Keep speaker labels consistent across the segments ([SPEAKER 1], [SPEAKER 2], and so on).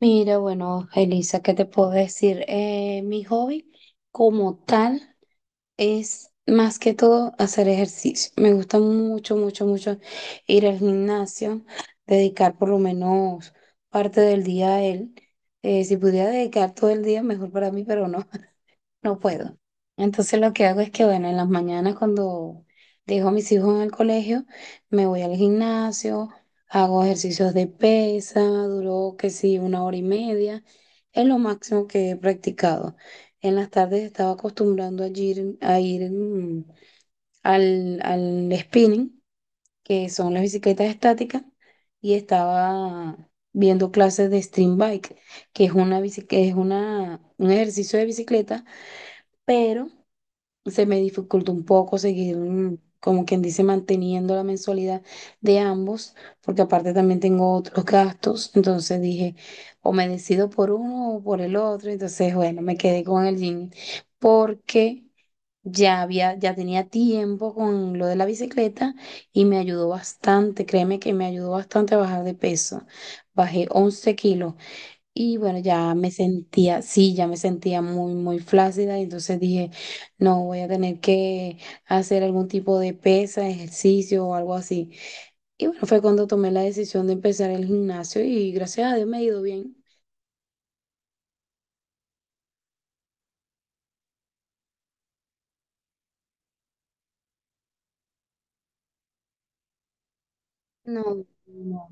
[SPEAKER 1] Mira, bueno, Elisa, ¿qué te puedo decir? Mi hobby como tal es más que todo hacer ejercicio. Me gusta mucho, mucho, mucho ir al gimnasio, dedicar por lo menos parte del día a él. Si pudiera dedicar todo el día, mejor para mí, pero no. No puedo. Entonces lo que hago es que, bueno, en las mañanas cuando dejo a mis hijos en el colegio, me voy al gimnasio, hago ejercicios de pesa, duró que sí, una hora y media, es lo máximo que he practicado. En las tardes estaba acostumbrando a ir, al spinning, que son las bicicletas estáticas, y estaba viendo clases de stream bike, que es una, bici- que es una, un ejercicio de bicicleta, pero se me dificultó un poco seguir, como quien dice, manteniendo la mensualidad de ambos, porque aparte también tengo otros gastos. Entonces dije, o me decido por uno o por el otro. Entonces bueno, me quedé con el gym porque ya tenía tiempo con lo de la bicicleta y me ayudó bastante, créeme que me ayudó bastante a bajar de peso. Bajé 11 kilos y bueno, ya me sentía, sí, ya me sentía muy, muy flácida, y entonces dije, no, voy a tener que hacer algún tipo de pesa, ejercicio o algo así. Y bueno, fue cuando tomé la decisión de empezar el gimnasio y gracias a Dios me ha ido bien. No, no,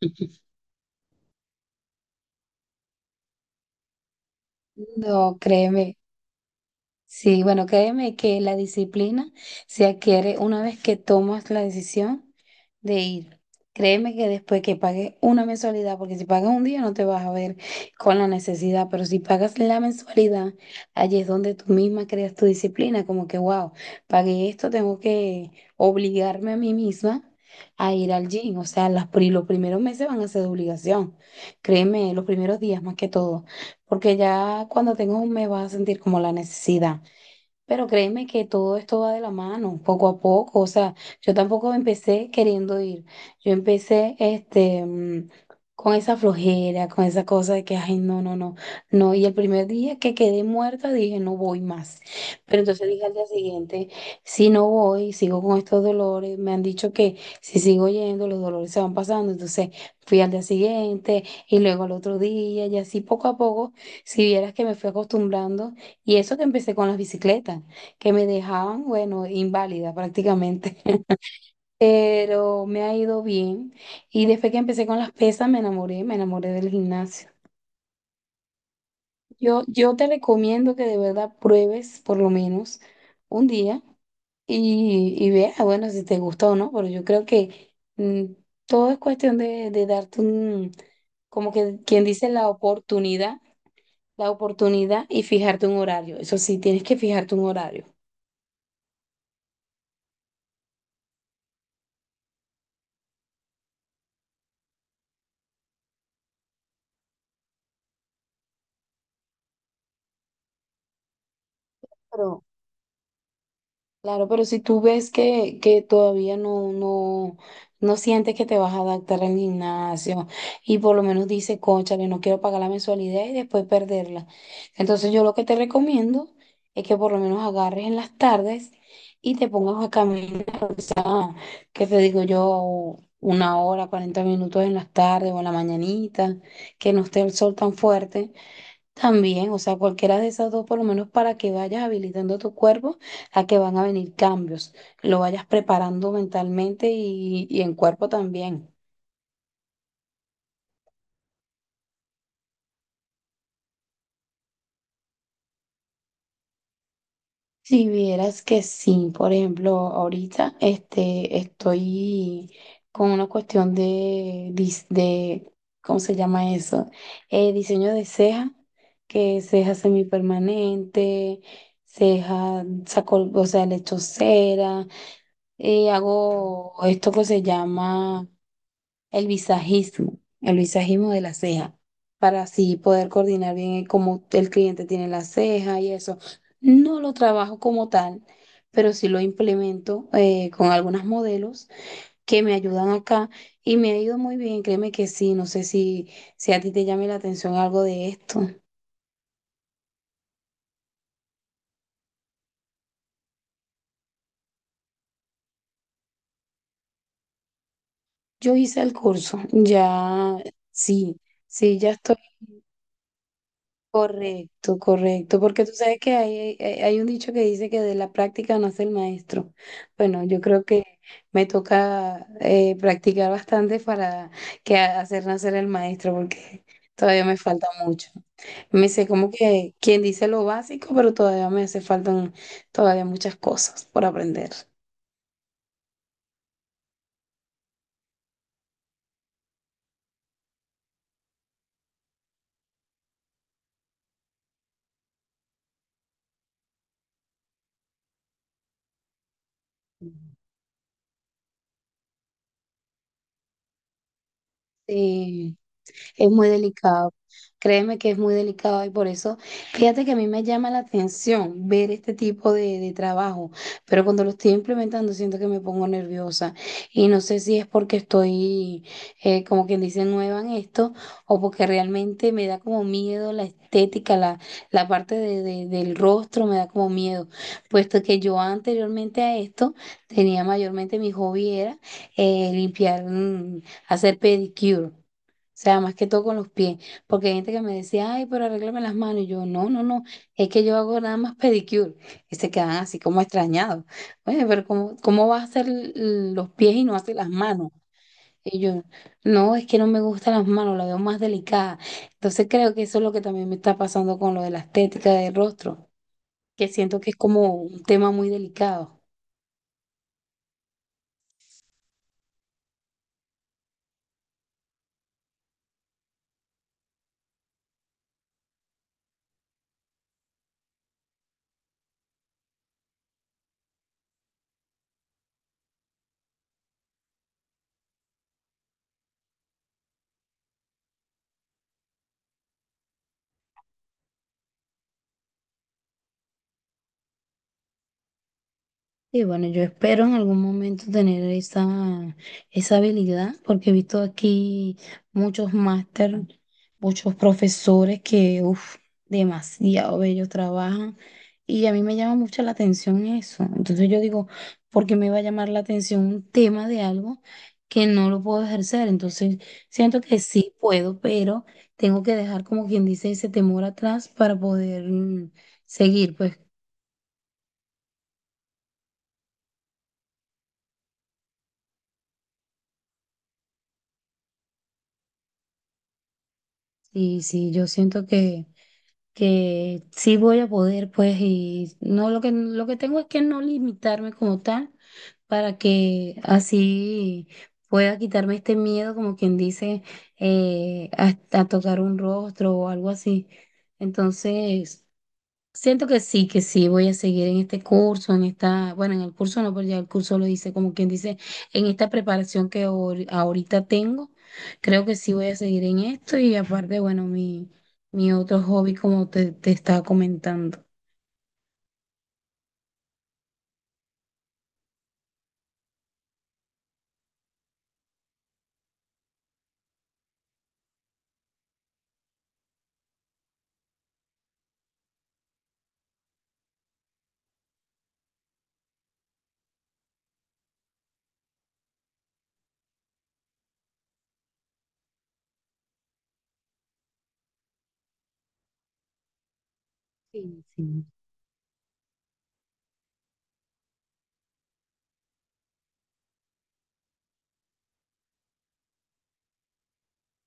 [SPEAKER 1] no, créeme. Sí, bueno, créeme que la disciplina se adquiere una vez que tomas la decisión de ir. Créeme que después que pagues una mensualidad, porque si pagas un día no te vas a ver con la necesidad, pero si pagas la mensualidad, allí es donde tú misma creas tu disciplina, como que, wow, pagué esto, tengo que obligarme a mí misma a ir al gym. O sea, los primeros meses van a ser de obligación, créeme, los primeros días más que todo, porque ya cuando tengas un mes vas a sentir como la necesidad. Pero créeme que todo esto va de la mano, poco a poco. O sea, yo tampoco empecé queriendo ir. Yo empecé este, con esa flojera, con esa cosa de que, ay, no, no, no, no. Y el primer día que quedé muerta dije, no voy más. Pero entonces dije al día siguiente, si no voy, sigo con estos dolores. Me han dicho que si sigo yendo, los dolores se van pasando. Entonces fui al día siguiente y luego al otro día y así poco a poco, si vieras que me fui acostumbrando. Y eso que empecé con las bicicletas, que me dejaban, bueno, inválida prácticamente. Pero me ha ido bien. Y después que empecé con las pesas, me enamoré del gimnasio. Yo te recomiendo que de verdad pruebes por lo menos un día y veas, bueno, si te gusta o no, pero yo creo que todo es cuestión de, darte un, como que quien dice la oportunidad, la oportunidad, y fijarte un horario. Eso sí, tienes que fijarte un horario. Pero claro, pero si tú ves que, todavía no, no, no sientes que te vas a adaptar al gimnasio y por lo menos dices, cónchale, no quiero pagar la mensualidad y después perderla. Entonces yo lo que te recomiendo es que por lo menos agarres en las tardes y te pongas a caminar, que te digo yo, una hora, 40 minutos en las tardes o en la mañanita, que no esté el sol tan fuerte también. O sea, cualquiera de esas dos, por lo menos para que vayas habilitando tu cuerpo a que van a venir cambios, lo vayas preparando mentalmente y en cuerpo también. Si vieras que sí, por ejemplo, ahorita este, estoy con una cuestión de ¿cómo se llama eso? Diseño de ceja, que ceja semipermanente, ceja, saco, o sea, le echo cera. Hago esto que se llama el visajismo de la ceja, para así poder coordinar bien el cómo el cliente tiene la ceja y eso. No lo trabajo como tal, pero sí lo implemento con algunos modelos que me ayudan acá y me ha ido muy bien, créeme que sí. No sé si, si a ti te llame la atención algo de esto. Yo hice el curso, ya sí, sí, ya estoy. Correcto, correcto, porque tú sabes que hay, hay un dicho que dice que de la práctica nace el maestro. Bueno, yo creo que me toca practicar bastante para que hacer nacer el maestro, porque todavía me falta mucho. Me sé como que quien dice lo básico, pero todavía me hace faltan todavía muchas cosas por aprender. Sí, es muy delicado. Créeme que es muy delicado y por eso, fíjate que a mí me llama la atención ver este tipo de trabajo, pero cuando lo estoy implementando siento que me pongo nerviosa y no sé si es porque estoy, como quien dice, nueva en esto, o porque realmente me da como miedo la estética, la parte del rostro me da como miedo, puesto que yo anteriormente a esto tenía mayormente mi hobby era limpiar, hacer pedicure. O sea, más que todo con los pies, porque hay gente que me decía, ay, pero arréglame las manos. Y yo, no, no, no, es que yo hago nada más pedicure. Y se quedan así como extrañados. Oye, pero ¿cómo, cómo vas a hacer los pies y no haces las manos? Y yo, no, es que no me gustan las manos, la veo más delicada. Entonces creo que eso es lo que también me está pasando con lo de la estética del rostro, que siento que es como un tema muy delicado. Y bueno, yo espero en algún momento tener esa habilidad, porque he visto aquí muchos máster, muchos profesores que, uff, demasiado bellos trabajan. Y a mí me llama mucho la atención eso. Entonces yo digo, ¿por qué me va a llamar la atención un tema de algo que no lo puedo ejercer? Entonces siento que sí puedo, pero tengo que dejar como quien dice ese temor atrás para poder seguir. Pues, y sí, yo siento que sí voy a poder, pues, y no, lo que tengo es que no limitarme como tal, para que así pueda quitarme este miedo, como quien dice, a tocar un rostro o algo así. Entonces, siento que sí, voy a seguir en este curso, en esta, bueno, en el curso no, pero ya el curso lo dice, como quien dice, en esta preparación que ahorita tengo, creo que sí voy a seguir en esto. Y aparte, bueno, mi otro hobby, como te estaba comentando. Sí, sí.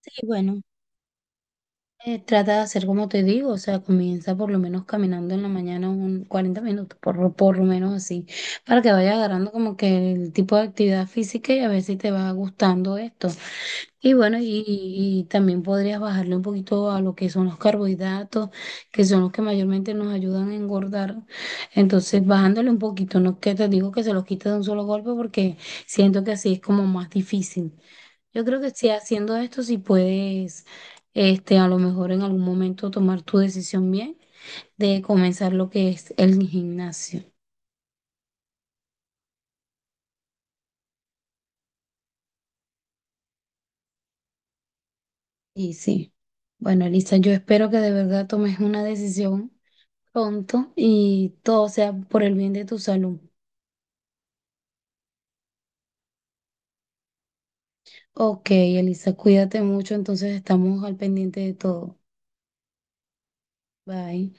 [SPEAKER 1] Sí, bueno. Trata de hacer como te digo, o sea, comienza por lo menos caminando en la mañana un 40 minutos, por lo menos así, para que vaya agarrando como que el tipo de actividad física y a ver si te va gustando esto. Y bueno, y también podrías bajarle un poquito a lo que son los carbohidratos, que son los que mayormente nos ayudan a engordar. Entonces, bajándole un poquito, no es que te digo que se los quites de un solo golpe, porque siento que así es como más difícil. Yo creo que si haciendo esto, si puedes este, a lo mejor en algún momento tomar tu decisión bien de comenzar lo que es el gimnasio. Y sí, bueno, Elisa, yo espero que de verdad tomes una decisión pronto y todo sea por el bien de tu salud. Ok, Elisa, cuídate mucho, entonces estamos al pendiente de todo. Bye.